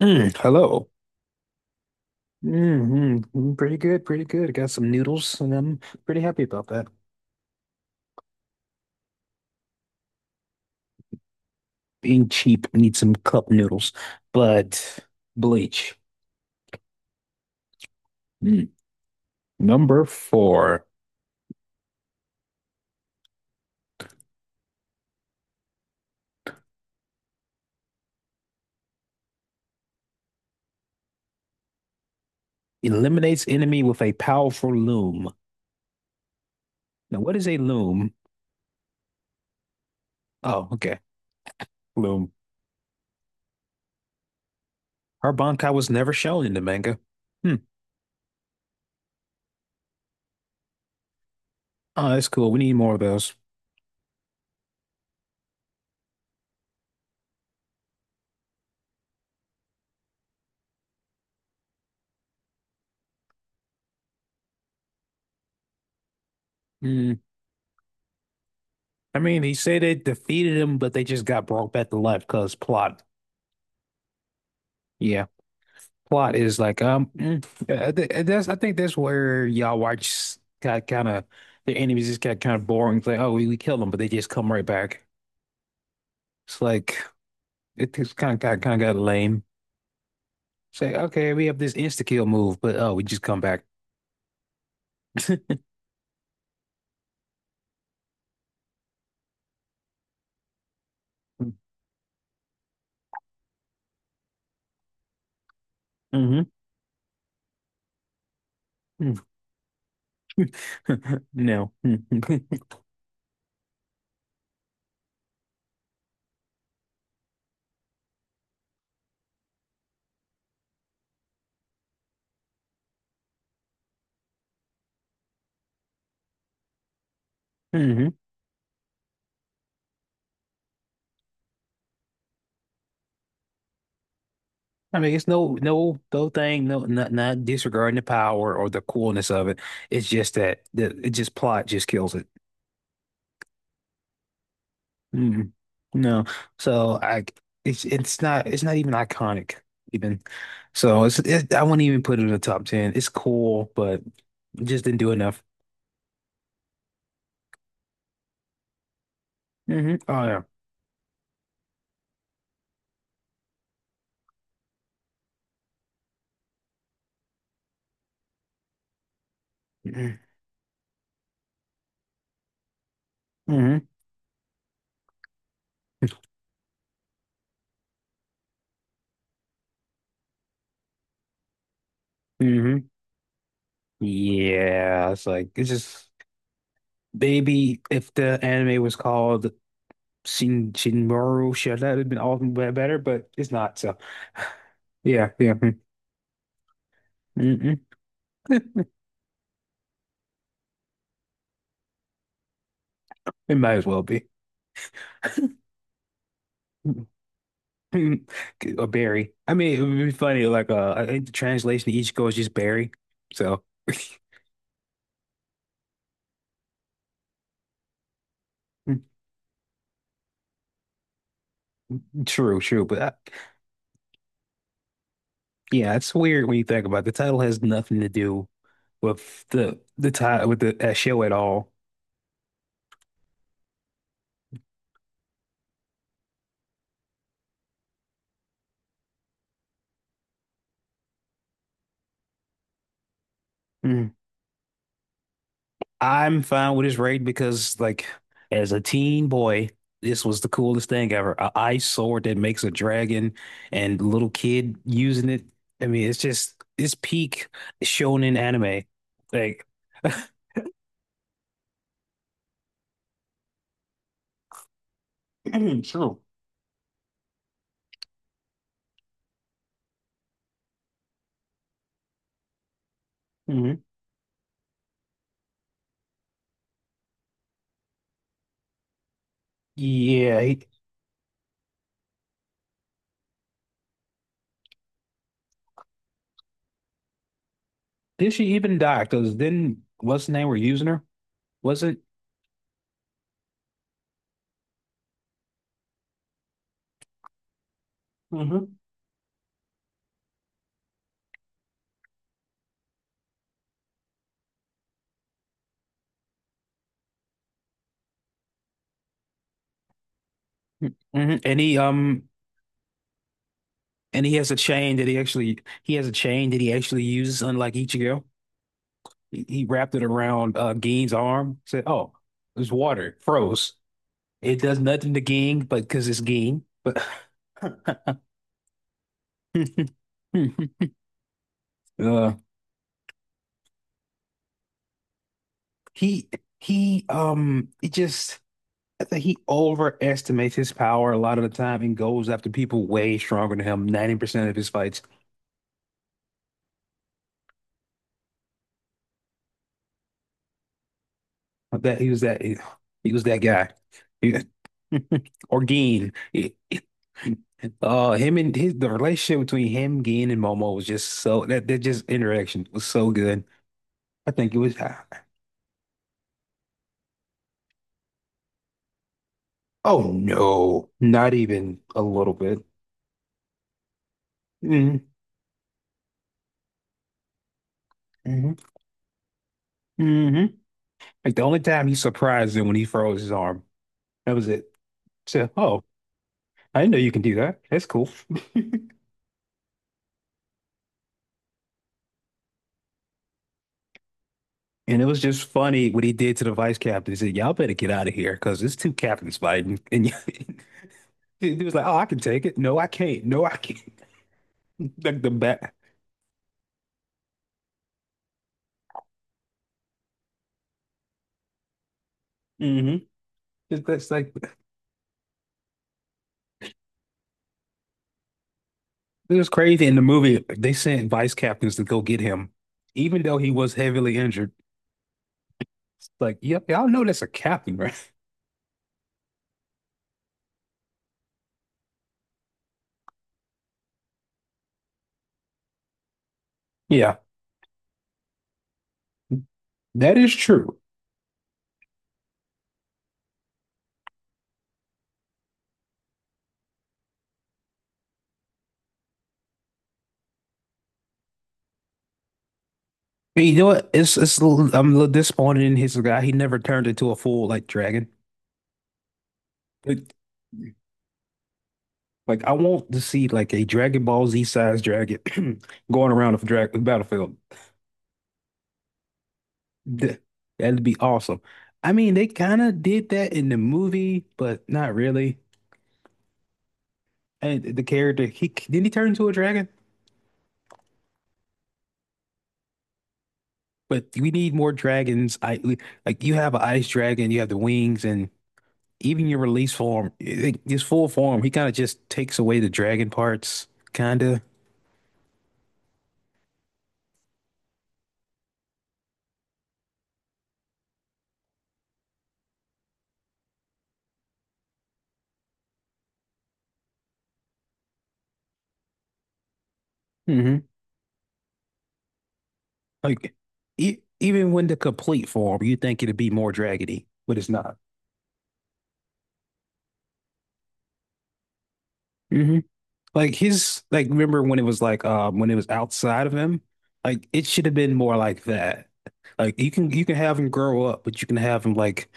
Hello. Mm-hmm. Pretty good, pretty good. I got some noodles and I'm pretty happy about that. Being cheap, I need some cup noodles, but bleach. Mm. Number four, eliminates enemy with a powerful loom. Now, what is a loom? Oh, okay. Loom. Her bankai was never shown in the manga. Hmm. Oh, that's cool. We need more of those. Mm. I mean, they say they defeated him, but they just got brought back to life because plot. Yeah. Plot is like yeah, I think that's where y'all watch got kind of the enemies just got kind of boring. It's like, oh, we kill them, but they just come right back. It's like it just kind of got lame. It's like, okay, we have this insta kill move, but oh, we just come back. Hmm. No. Hmm. I mean it's no thing, not not disregarding the power or the coolness of it. It's just that the it just plot just kills it. Mm, no. So I it's not even iconic even. So I wouldn't even put it in the top 10. It's cool, but it just didn't do enough. Hmm. Oh, yeah. Hmm. Hmm. Yeah, it's like it's just maybe if the anime was called Shin Shinmaru, sure that would have been all the way better, but it's not. So yeah, yeah. Mm-mm. It might as well be. Or Barry. I mean, it would be funny. Like, I think the translation to each goes just Barry. So, true, true. Yeah, it's weird when you think about it. The title has nothing to do with the title with the that show at all. Mm. I'm fine with this rating because, like, as a teen boy, this was the coolest thing ever. A ice sword that makes a dragon and little kid using it. I mean, it's just it's peak shonen anime. Like, true. Mhm. Yeah, he, did she even die? Because then what's the name we're using her? Was it? Hmm. Hmm. And he um and he has a chain that he actually he has a chain that he actually uses, unlike Ichigo. He wrapped it around Gein's arm. Said, "Oh, it's water, it froze. It does nothing to Gein, but because it's Gein." But uh, he he it just. I think he overestimates his power a lot of the time and goes after people way stronger than him. 90% of his fights, that he was that he was that guy. He, or Geen. Him and his the relationship between him, Geen, and Momo was just so that that just interaction was so good. I think it was. Oh no, not even a little bit. Hmm. Hmm. Hmm. Like the only time he surprised him when he froze his arm. That was it. So, oh, I didn't know you can do that. That's cool. And it was just funny what he did to the vice captain. He said, "Y'all better get out of here because it's two captains fighting." And he was like, "Oh, I can take it. No, I can't. No, I can't." Like the bat. Hmm. That's like it was crazy. In the movie, they sent vice captains to go get him, even though he was heavily injured. It's like, yep, y'all know that's a captain, right? Yeah, that is true. And you know what? It's a little- I'm a little disappointed in his guy. He never turned into a full like dragon. It- Like I want to see like a Dragon Ball Z sized dragon going around the dra battlefield. Th- That'd be awesome. I mean, they kind of did that in the movie, but not really. And the character, he didn't he turn into a dragon? But we need more dragons. I we- like you have an ice dragon, you have the wings, and even your release form, his full form, he kind of just takes away the dragon parts, kind of. Hmm. Like e even when the complete form, you think it'd be more dragony, but it's not. Hmm. Like his like remember when it was like when it was outside of him? Like it should have been more like that. Like you can have him grow up, but you can have him like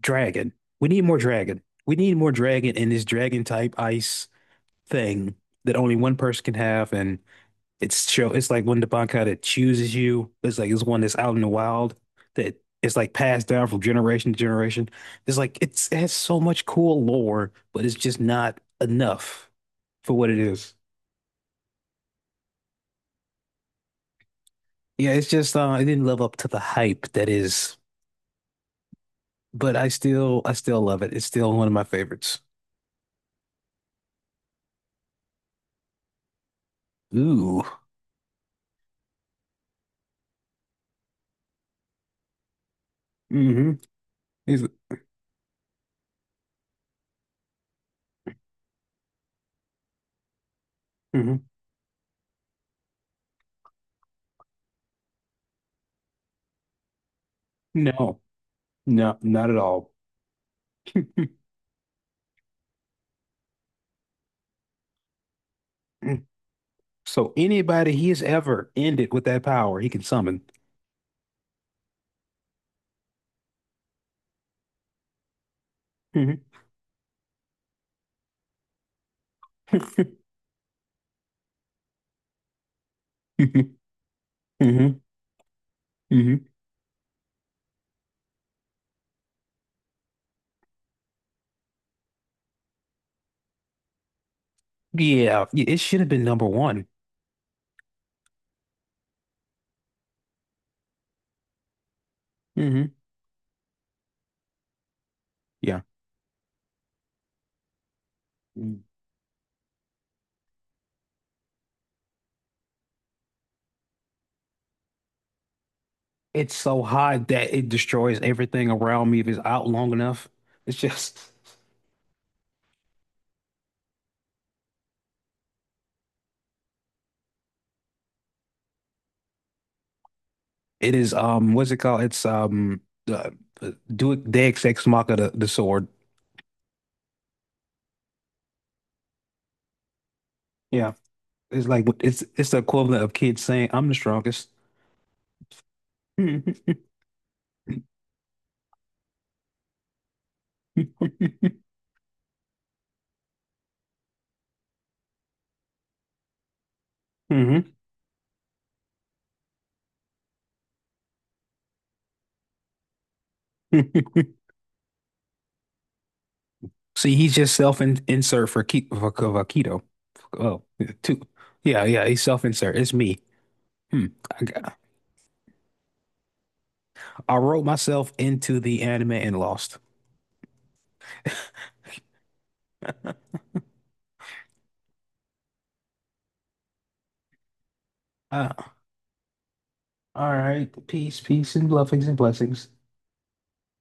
dragon. We need more dragon. We need more dragon in this dragon type ice thing that only one person can have and it's like when the Bankai that chooses you, it's like it's one that's out in the wild that is like passed down from generation to generation. It's like it has so much cool lore, but it's just not enough for what it is. Yeah, it's just it didn't live up to the hype that is, but I still love it. It's still one of my favorites. Ooh. Mm-hmm. Is. Hmm. No, no, not at all. So anybody he's ever ended with that power, he can summon. Hmm. Hmm. Hmm. Hmm. Yeah, yeah, it should have been number one. Hmm. Yeah. Mm. It's so high that it destroys everything around me if it's out long enough. It's just It is what's it called? It's uh, do it. Deus Ex Machina the sword. Yeah. It's like it's the equivalent of kids saying I'm the strongest. Hmm. See, he's just self insert for for keto. Oh, two. Yeah, yeah, he's self insert. It's me. Hmm. I, got- I wrote myself into the anime and lost. Ah, all right. Peace, peace, and blessings and blessings.